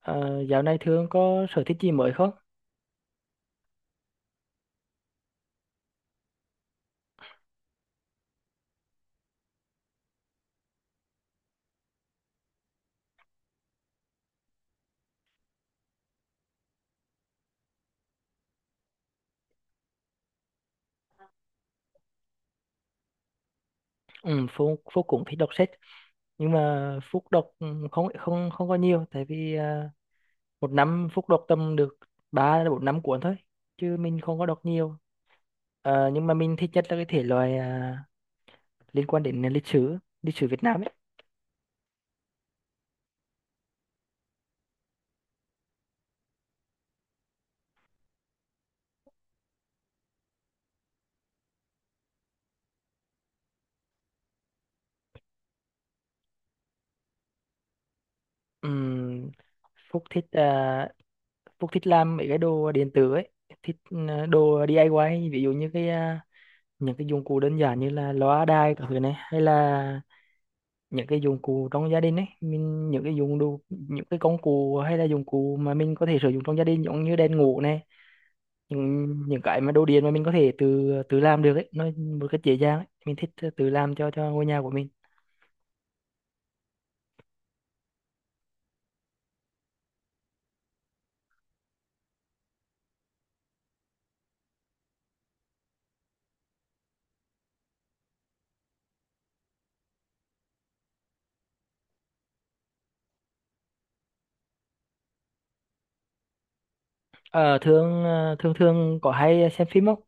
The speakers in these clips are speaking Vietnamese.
Ờ, dạo này Thương có sở thích gì mới không? Ừ, Phúc cũng thích đọc sách nhưng mà Phúc đọc không không không có nhiều tại vì một năm Phúc đọc tầm được 3 đến 4 năm cuốn thôi chứ mình không có đọc nhiều. Ờ, nhưng mà mình thích nhất là cái thể loại liên quan đến lịch sử Việt Nam ấy. Ừm, Phúc thích à, Phúc thích làm mấy cái đồ điện tử ấy, thích đồ DIY ví dụ như cái những cái dụng cụ đơn giản như là loa đài các thứ này hay là những cái dụng cụ trong gia đình ấy, mình những cái dụng đồ những cái công cụ hay là dụng cụ mà mình có thể sử dụng trong gia đình giống như đèn ngủ này, những cái mà đồ điện mà mình có thể tự tự làm được ấy nó một cách dễ dàng ấy. Mình thích tự làm cho ngôi nhà của mình. Ờ thường ờ, thường thường có hay xem phim không?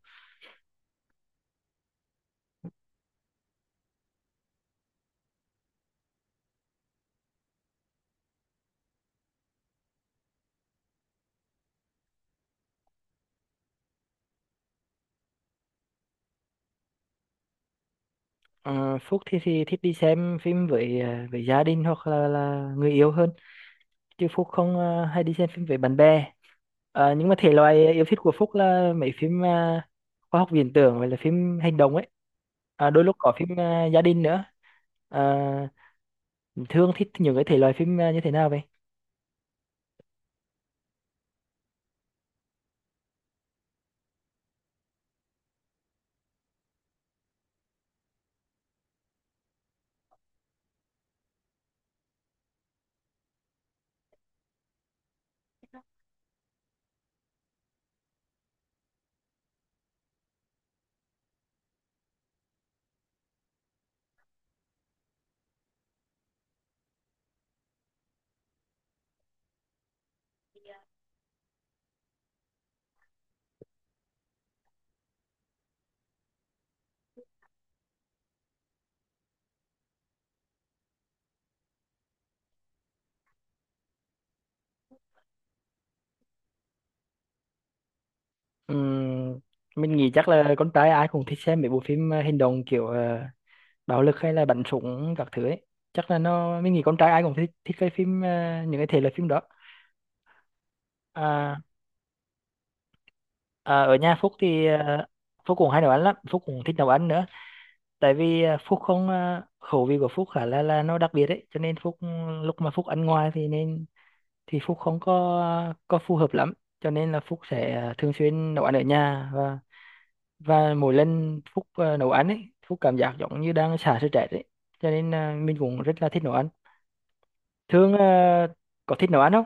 Ờ, Phúc thì thích đi xem phim với với gia đình hoặc là người yêu hơn chứ Phúc không hay đi xem phim với bạn bè. Ờ, nhưng mà thể loại yêu thích của Phúc là mấy phim khoa học viễn tưởng hoặc là phim hành động ấy, à, đôi lúc có phim gia đình nữa. Ờ, Thương thích những cái thể loại phim như thế nào vậy? Ừm, mình nghĩ chắc là con trai ai cũng thích xem mấy bộ phim hành động kiểu bạo lực hay là bắn súng các thứ ấy, chắc là nó mình nghĩ con trai ai cũng thích thích cái phim những cái thể loại phim đó. à, Ở nhà Phúc thì Phúc cũng hay nấu ăn lắm, Phúc cũng thích nấu ăn nữa, tại vì Phúc không à, khẩu vị của Phúc khá là nó đặc biệt đấy, cho nên Phúc lúc mà Phúc ăn ngoài thì nên thì Phúc không có có phù hợp lắm, cho nên là Phúc sẽ thường xuyên nấu ăn ở nhà, và mỗi lần Phúc nấu ăn ấy Phúc cảm giác giống như đang xả stress ấy, cho nên mình cũng rất là thích nấu ăn. Thương có thích nấu ăn không?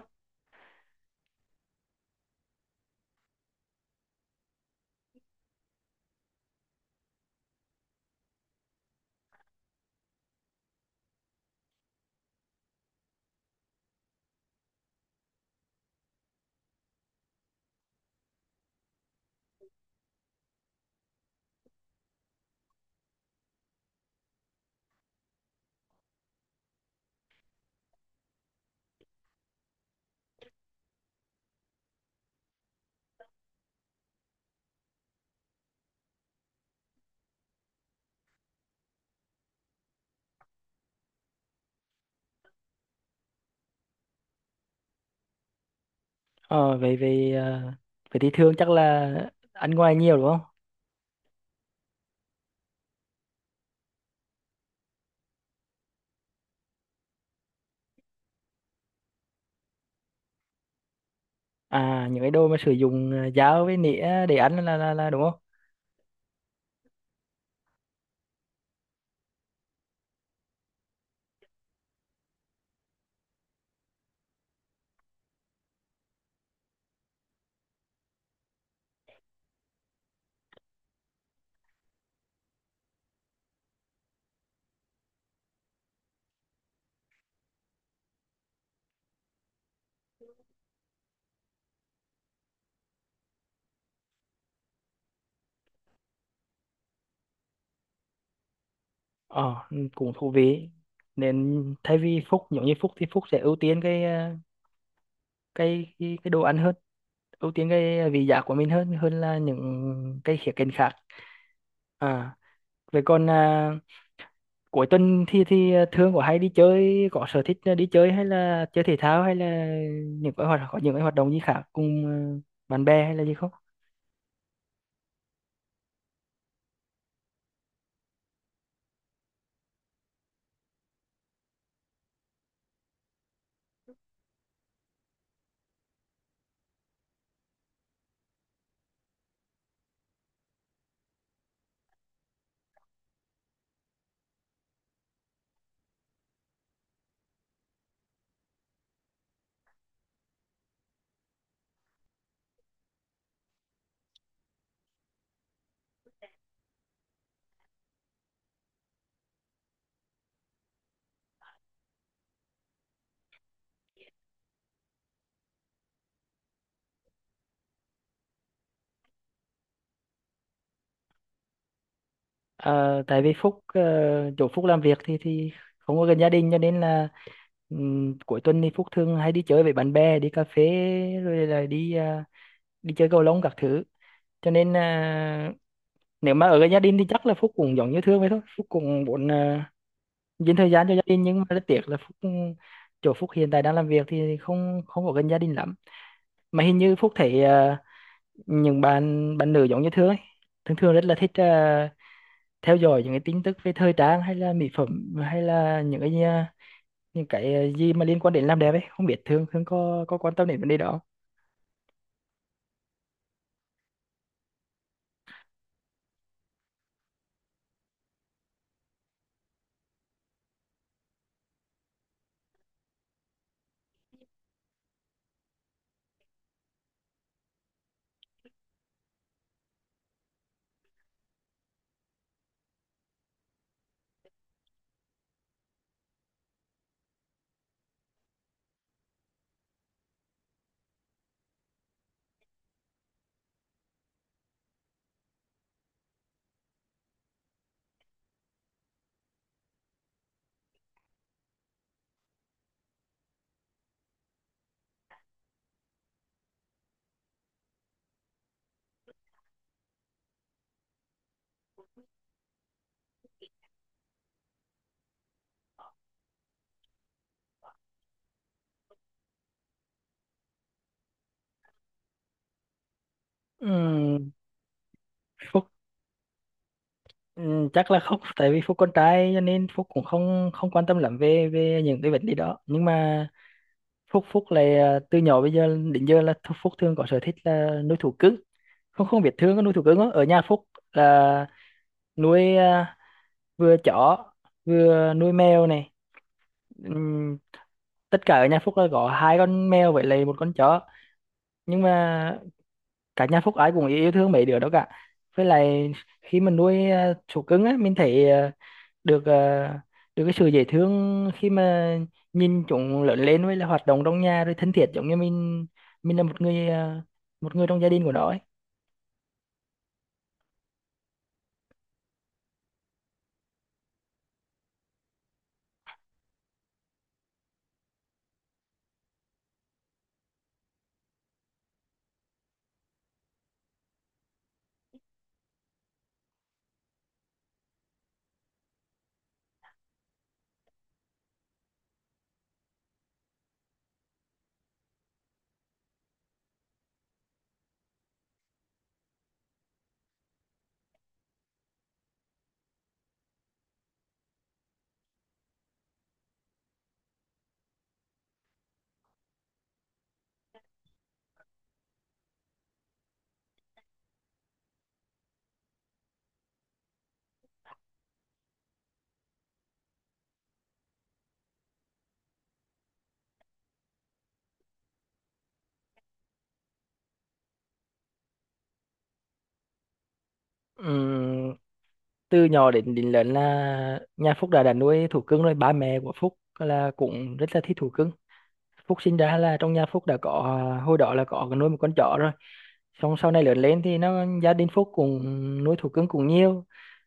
Ờ về về à, Vậy thì Thương chắc là ăn ngoài nhiều đúng không? À, những cái đồ mà sử dụng dao với nĩa để ăn là đúng không? Ờ, cũng thú vị. Nên thay vì Phúc giống như Phúc thì Phúc sẽ ưu tiên cái cái đồ ăn hơn, ưu tiên cái vị giác của mình hơn hơn là những cái khía cạnh khác. À, vậy còn cuối tuần thì thường có hay đi chơi, có sở thích đi chơi hay là chơi thể thao hay là những cái hoạt có những cái hoạt động gì khác cùng ờ, bạn bè hay là gì không? Ờ, tại vì Phúc chỗ Phúc làm việc thì không có gần gia đình, cho nên là cuối tuần thì Phúc thường hay đi chơi với bạn bè, đi cà phê rồi là đi đi chơi cầu lông các thứ, cho nên nếu mà ở gần gia đình thì chắc là Phúc cũng giống như Thương vậy thôi, Phúc cũng muốn dành thời gian cho gia đình nhưng mà rất tiếc là Phúc chỗ Phúc hiện tại đang làm việc thì không không ở gần gia đình lắm. Mà hình như Phúc thấy những bạn bạn nữ giống như Thương ấy thường thường rất là thích theo dõi những cái tin tức về thời trang hay là mỹ phẩm hay là những cái những cái gì mà liên quan đến làm đẹp ấy, không biết Thương Thương có quan tâm đến vấn đề đó không? Ừm, Phúc chắc là không, tại vì Phúc con trai cho nên Phúc cũng không không quan tâm lắm về về những cái vấn đề đó, nhưng mà Phúc Phúc là từ nhỏ bây giờ đến giờ là Phúc thường có sở thích là nuôi thú cưng, không không biết Thương có nuôi thú cưng không? Ở nhà Phúc là nuôi vừa chó vừa nuôi mèo này. Ừm, Tất cả ở nhà Phúc là có hai con mèo với lại một con chó, nhưng mà cả nhà Phúc ai cũng yêu thương mấy đứa đó cả. Với lại khi mình nuôi thú cưng á, mình thấy được được cái sự dễ thương khi mà nhìn chúng lớn lên với là hoạt động trong nhà rồi thân thiết giống như mình là một người một người trong gia đình của nó ấy. Ừm, Từ nhỏ đến đến lớn là nhà Phúc đã nuôi thú cưng rồi, ba mẹ của Phúc là cũng rất là thích thú cưng. Phúc sinh ra là trong nhà Phúc đã có hồi đó là có nuôi một con chó rồi, xong sau này lớn lên thì nó gia đình Phúc cũng nuôi thú cưng cũng nhiều,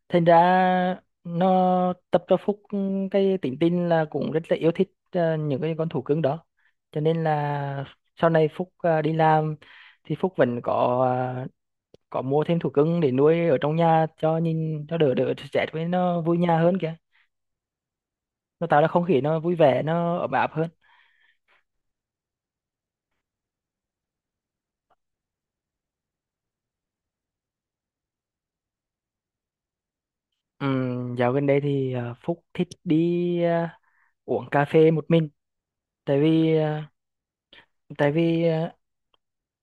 thành ra nó tập cho Phúc cái tính tình là cũng rất là yêu thích những cái con thú cưng đó, cho nên là sau này Phúc đi làm thì Phúc vẫn có ờ, có mua thêm thú cưng để nuôi ở trong nhà cho nhìn cho đỡ đỡ stress, với nó vui nhà hơn kìa, nó tạo ra không khí nó vui vẻ nó ấm áp hơn. Dạo gần đây thì Phúc thích đi uống cà phê một mình, tại vì ờ, tại vì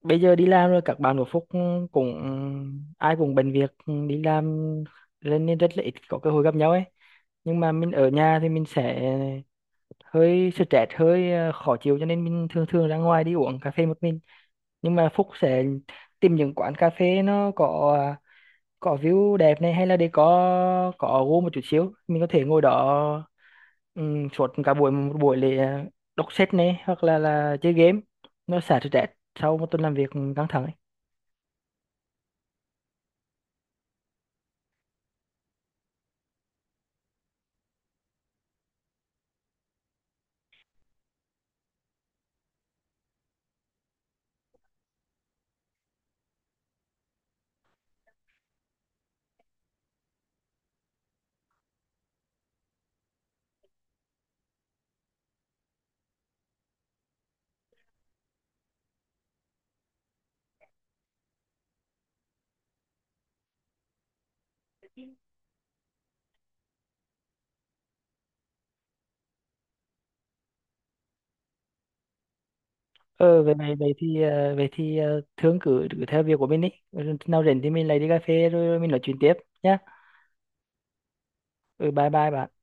bây giờ đi làm rồi các bạn của Phúc cũng ai cũng bận việc đi làm nên nên rất là ít có cơ hội gặp nhau ấy, nhưng mà mình ở nhà thì mình sẽ hơi stress hơi khó chịu, cho nên mình thường thường ra ngoài đi uống cà phê một mình. Nhưng mà Phúc sẽ tìm những quán cà phê nó có có view đẹp này hay là để có gỗ một chút xíu, mình có thể ngồi đó suốt cả buổi một buổi để đọc sách này hoặc là chơi game, nó xả stress sau một tuần làm việc căng thẳng ấy. Ờ về về về thì ờ, Thương cứ cứ theo việc của mình đi. Ừ, nào rảnh thì mình lại đi cà phê rồi mình nói chuyện tiếp nhá. Ừ, bye bye bạn.